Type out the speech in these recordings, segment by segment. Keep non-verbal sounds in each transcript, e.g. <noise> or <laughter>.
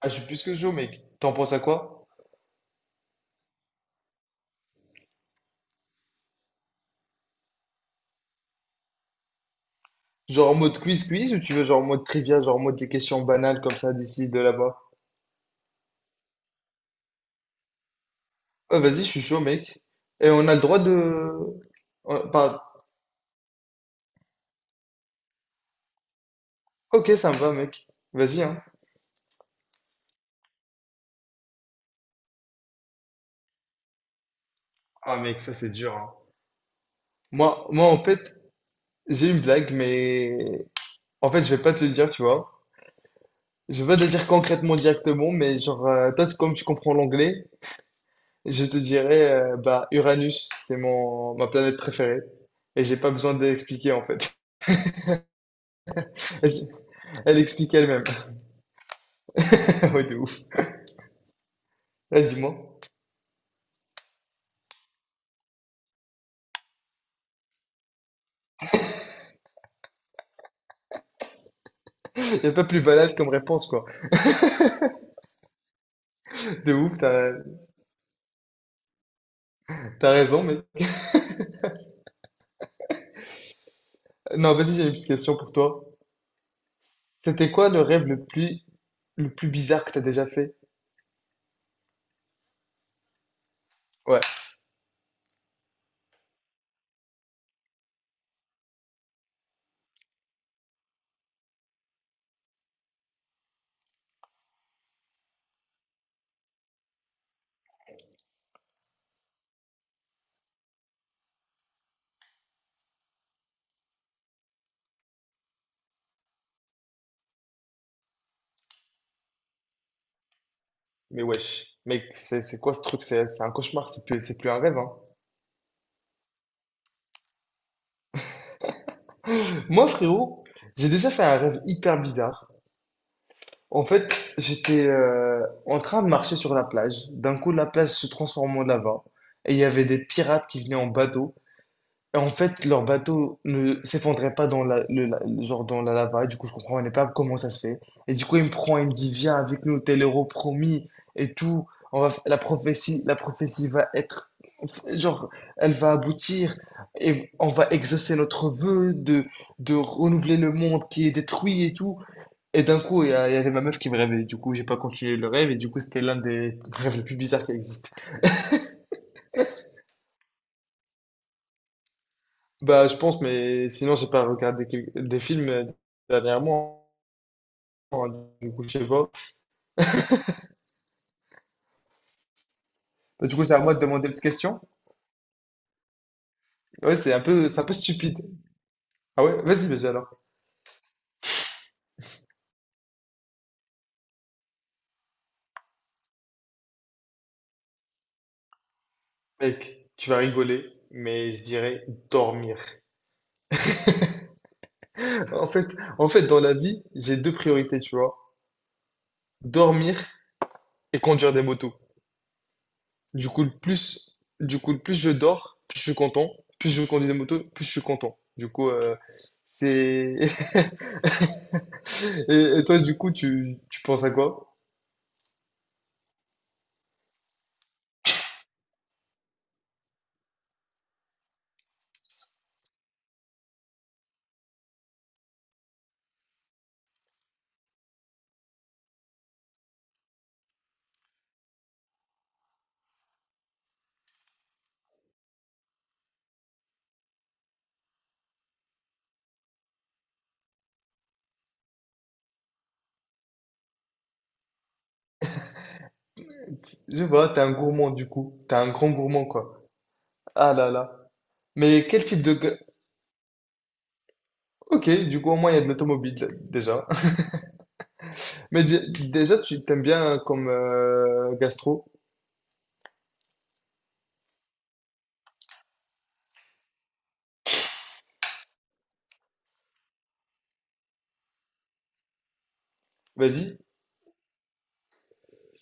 Ah, je suis plus que chaud, mec. T'en penses à quoi? Genre en mode quiz ou tu veux genre en mode trivia, genre en mode des questions banales comme ça d'ici, de là-bas? Ouais, vas-y, je suis chaud, mec. Et on a le droit de... on- pas- Ok, ça me va, mec. Vas-y, hein. Ah, mec, ça c'est dur, hein. Moi, en fait, j'ai une blague, mais en fait, je vais pas te le dire, tu vois. Je vais pas te dire concrètement directement, mais genre, toi, comme tu comprends l'anglais, je te dirais, bah, Uranus, c'est mon ma planète préférée, et j'ai pas besoin d'expliquer en fait. <laughs> Elle explique elle-même. <laughs> Ouais, de ouf. Ah, dis-moi. Il a pas plus banal comme réponse, quoi. De ouf, t'as, t'as raison, mais... Non, vas-y, j'ai une petite question pour toi. C'était quoi le rêve le plus bizarre que t'as déjà fait? Ouais, mais wesh. Mec, c'est quoi ce truc? C'est un cauchemar, c'est plus un rêve, hein. Moi, frérot, j'ai déjà fait un rêve hyper bizarre. En fait, j'étais en train de marcher sur la plage. D'un coup, la plage se transforme en lava. Et il y avait des pirates qui venaient en bateau. En fait, leur bateau ne s'effondrait pas dans genre dans la lava, et du coup, je comprenais pas comment ça se fait. Et du coup, il me prend, il me dit, viens avec nous, t'es l'héros promis et tout. On va, la prophétie va être, genre, elle va aboutir et on va exaucer notre vœu de renouveler le monde qui est détruit et tout. Et d'un coup, il y avait ma meuf qui me rêvait. Du coup, j'ai pas continué le rêve et du coup, c'était l'un des rêves les plus bizarres qui existent. Bah, je pense, mais sinon, j'ai pas regardé des films dernièrement. Hein, du coup, je sais pas. Bah, du coup, c'est à moi de demander une petite question. Ouais, c'est un peu stupide. Ah ouais, vas-y alors. Mec, tu vas rigoler, mais je dirais dormir. <laughs> En fait, en fait, dans la vie, j'ai deux priorités, tu vois. Dormir et conduire des motos. Du coup, le plus je dors, plus je suis content. Plus je conduis des motos, plus je suis content. Du coup, c'est... <laughs> et toi, du coup, tu penses à quoi? Je vois, t'es un gourmand du coup. T'es un grand gourmand quoi. Ah là là. Mais quel type de... Ok, du coup au moins il y a de l'automobile déjà. <laughs> Mais déjà tu t'aimes bien comme gastro. Vas-y.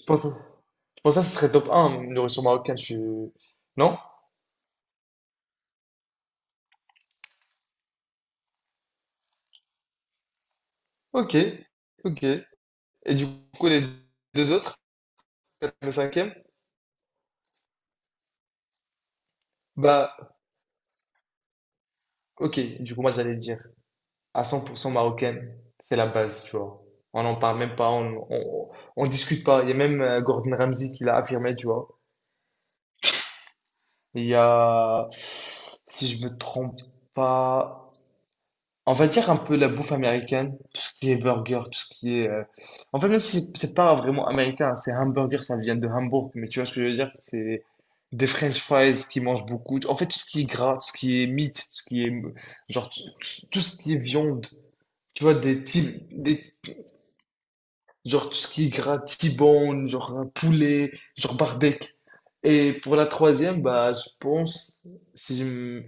Je pense que ça ce serait top un nourriture marocaine. Je suis... Non? Ok. Ok. Et du coup les deux autres, quatrième et cinquième? Bah ok, du coup moi j'allais le dire. À 100% marocaine. C'est la base, tu vois. On n'en parle même pas, on discute pas. Il y a même Gordon Ramsay qui l'a affirmé, tu vois. Il y a, si je me trompe pas, on va dire un peu la bouffe américaine, tout ce qui est burger, tout ce qui est. En fait, même si c'est pas vraiment américain, hein, c'est hamburger, ça vient de Hambourg, mais tu vois ce que je veux dire? C'est des French fries qui mangent beaucoup. En fait, tout ce qui est gras, tout ce qui est meat, tout ce qui est genre tout tout ce qui est viande. Tu vois des types, des, Genre tout ce qui est gras, T-bone, genre un poulet, genre barbecue. Et pour la troisième, bah, je pense, si je m-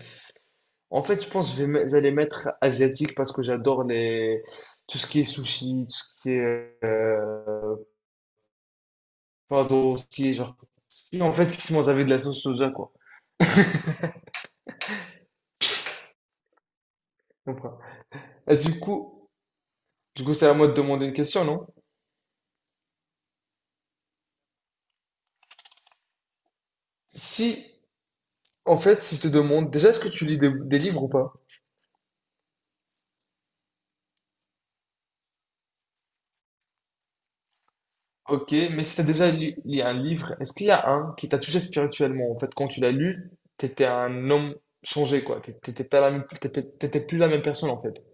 en fait, je pense que je vais j'allais mettre asiatique parce que j'adore les, tout ce qui est sushi, tout ce qui est, pardon, ce qui est genre, en fait, qui se mange avec de la sauce soja, quoi. Tu comprends. Et du coup, c'est à moi de demander une question, non? Si, en fait, si je te demande, déjà, est-ce que tu lis des livres ou pas? Ok, mais si t'as déjà lu, lu un livre, est-ce qu'il y a un qui t'a touché spirituellement? En fait, quand tu l'as lu, t'étais un homme changé, quoi. T'étais pas la même, t'étais plus la même personne, en fait.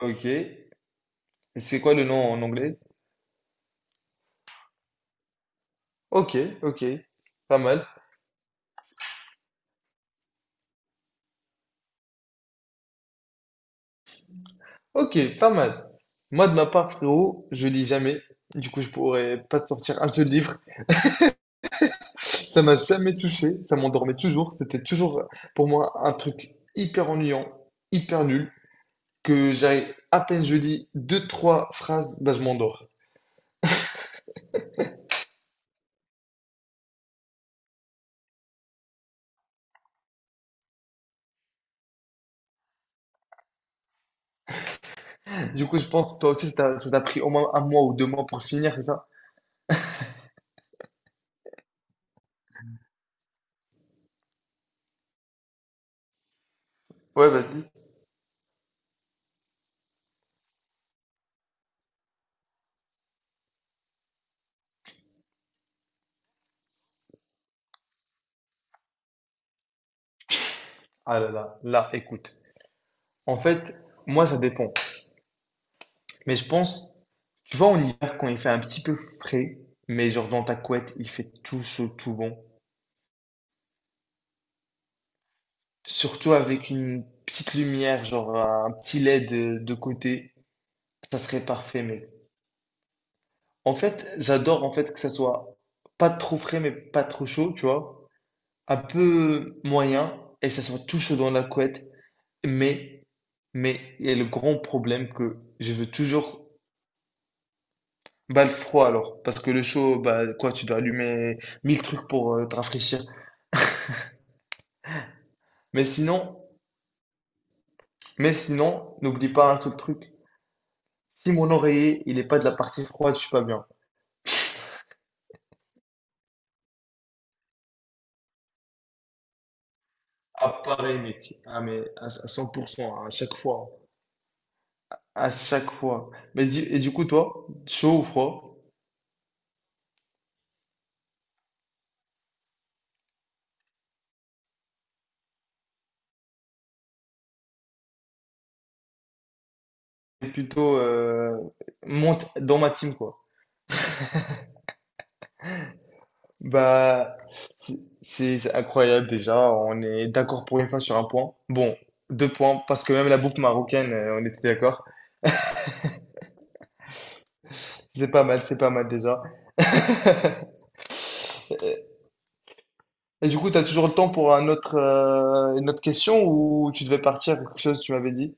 Ok. Et c'est quoi le nom en anglais? Ok, ok. Pas mal. Ok, pas mal. Moi, de ma part, frérot, je lis jamais. Du coup, je pourrais pas te sortir un seul livre. Ça m'a jamais touché. Ça m'endormait toujours. C'était toujours, pour moi, un truc hyper ennuyant, hyper nul, que j'arrive, à peine je lis deux, trois phrases, bah, je m'endors. Du coup, je pense que toi aussi, ça t'a pris au moins un mois ou deux mois pour finir, c'est ça? Ouais, vas-y. Ah là là, là, écoute. En fait, moi, ça dépend. Mais je pense, tu vois, en hiver, quand il fait un petit peu frais, mais genre dans ta couette, il fait tout chaud, tout bon. Surtout avec une petite lumière, genre un petit LED de côté, ça serait parfait, mec. En fait, j'adore en fait que ça soit pas trop frais, mais pas trop chaud, tu vois. Un peu moyen, et ça soit tout chaud dans la couette. Mais, mais il y a le grand problème que je veux toujours bah, le froid alors. Parce que le chaud, bah quoi, tu dois allumer mille trucs pour te rafraîchir. Mais sinon, mais sinon, n'oublie pas un seul truc. Si mon oreiller, il n'est pas de la partie froide, je suis pas bien. Ah, pareil, mec. Ah, mais à 100%, à chaque fois. À chaque fois. Mais et du coup, toi, chaud ou froid, t'es plutôt monte dans ma team, quoi. Bah, c'est c'est incroyable déjà. On est d'accord pour une fois sur un point. Bon, deux points, parce que même la bouffe marocaine, on était d'accord. C'est pas mal déjà. <laughs> Et du coup, t'as toujours le temps pour un autre, une autre question ou tu devais partir, quelque chose, tu m'avais dit.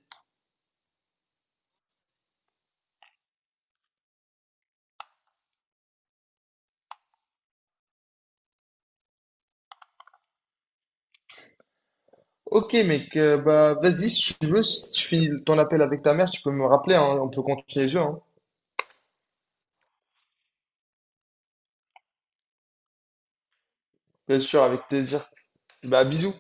Ok, mec, bah vas-y, si tu veux, si tu finis ton appel avec ta mère, tu peux me rappeler, hein, on peut continuer le jeu, hein. Bien sûr, avec plaisir. Bah, bisous.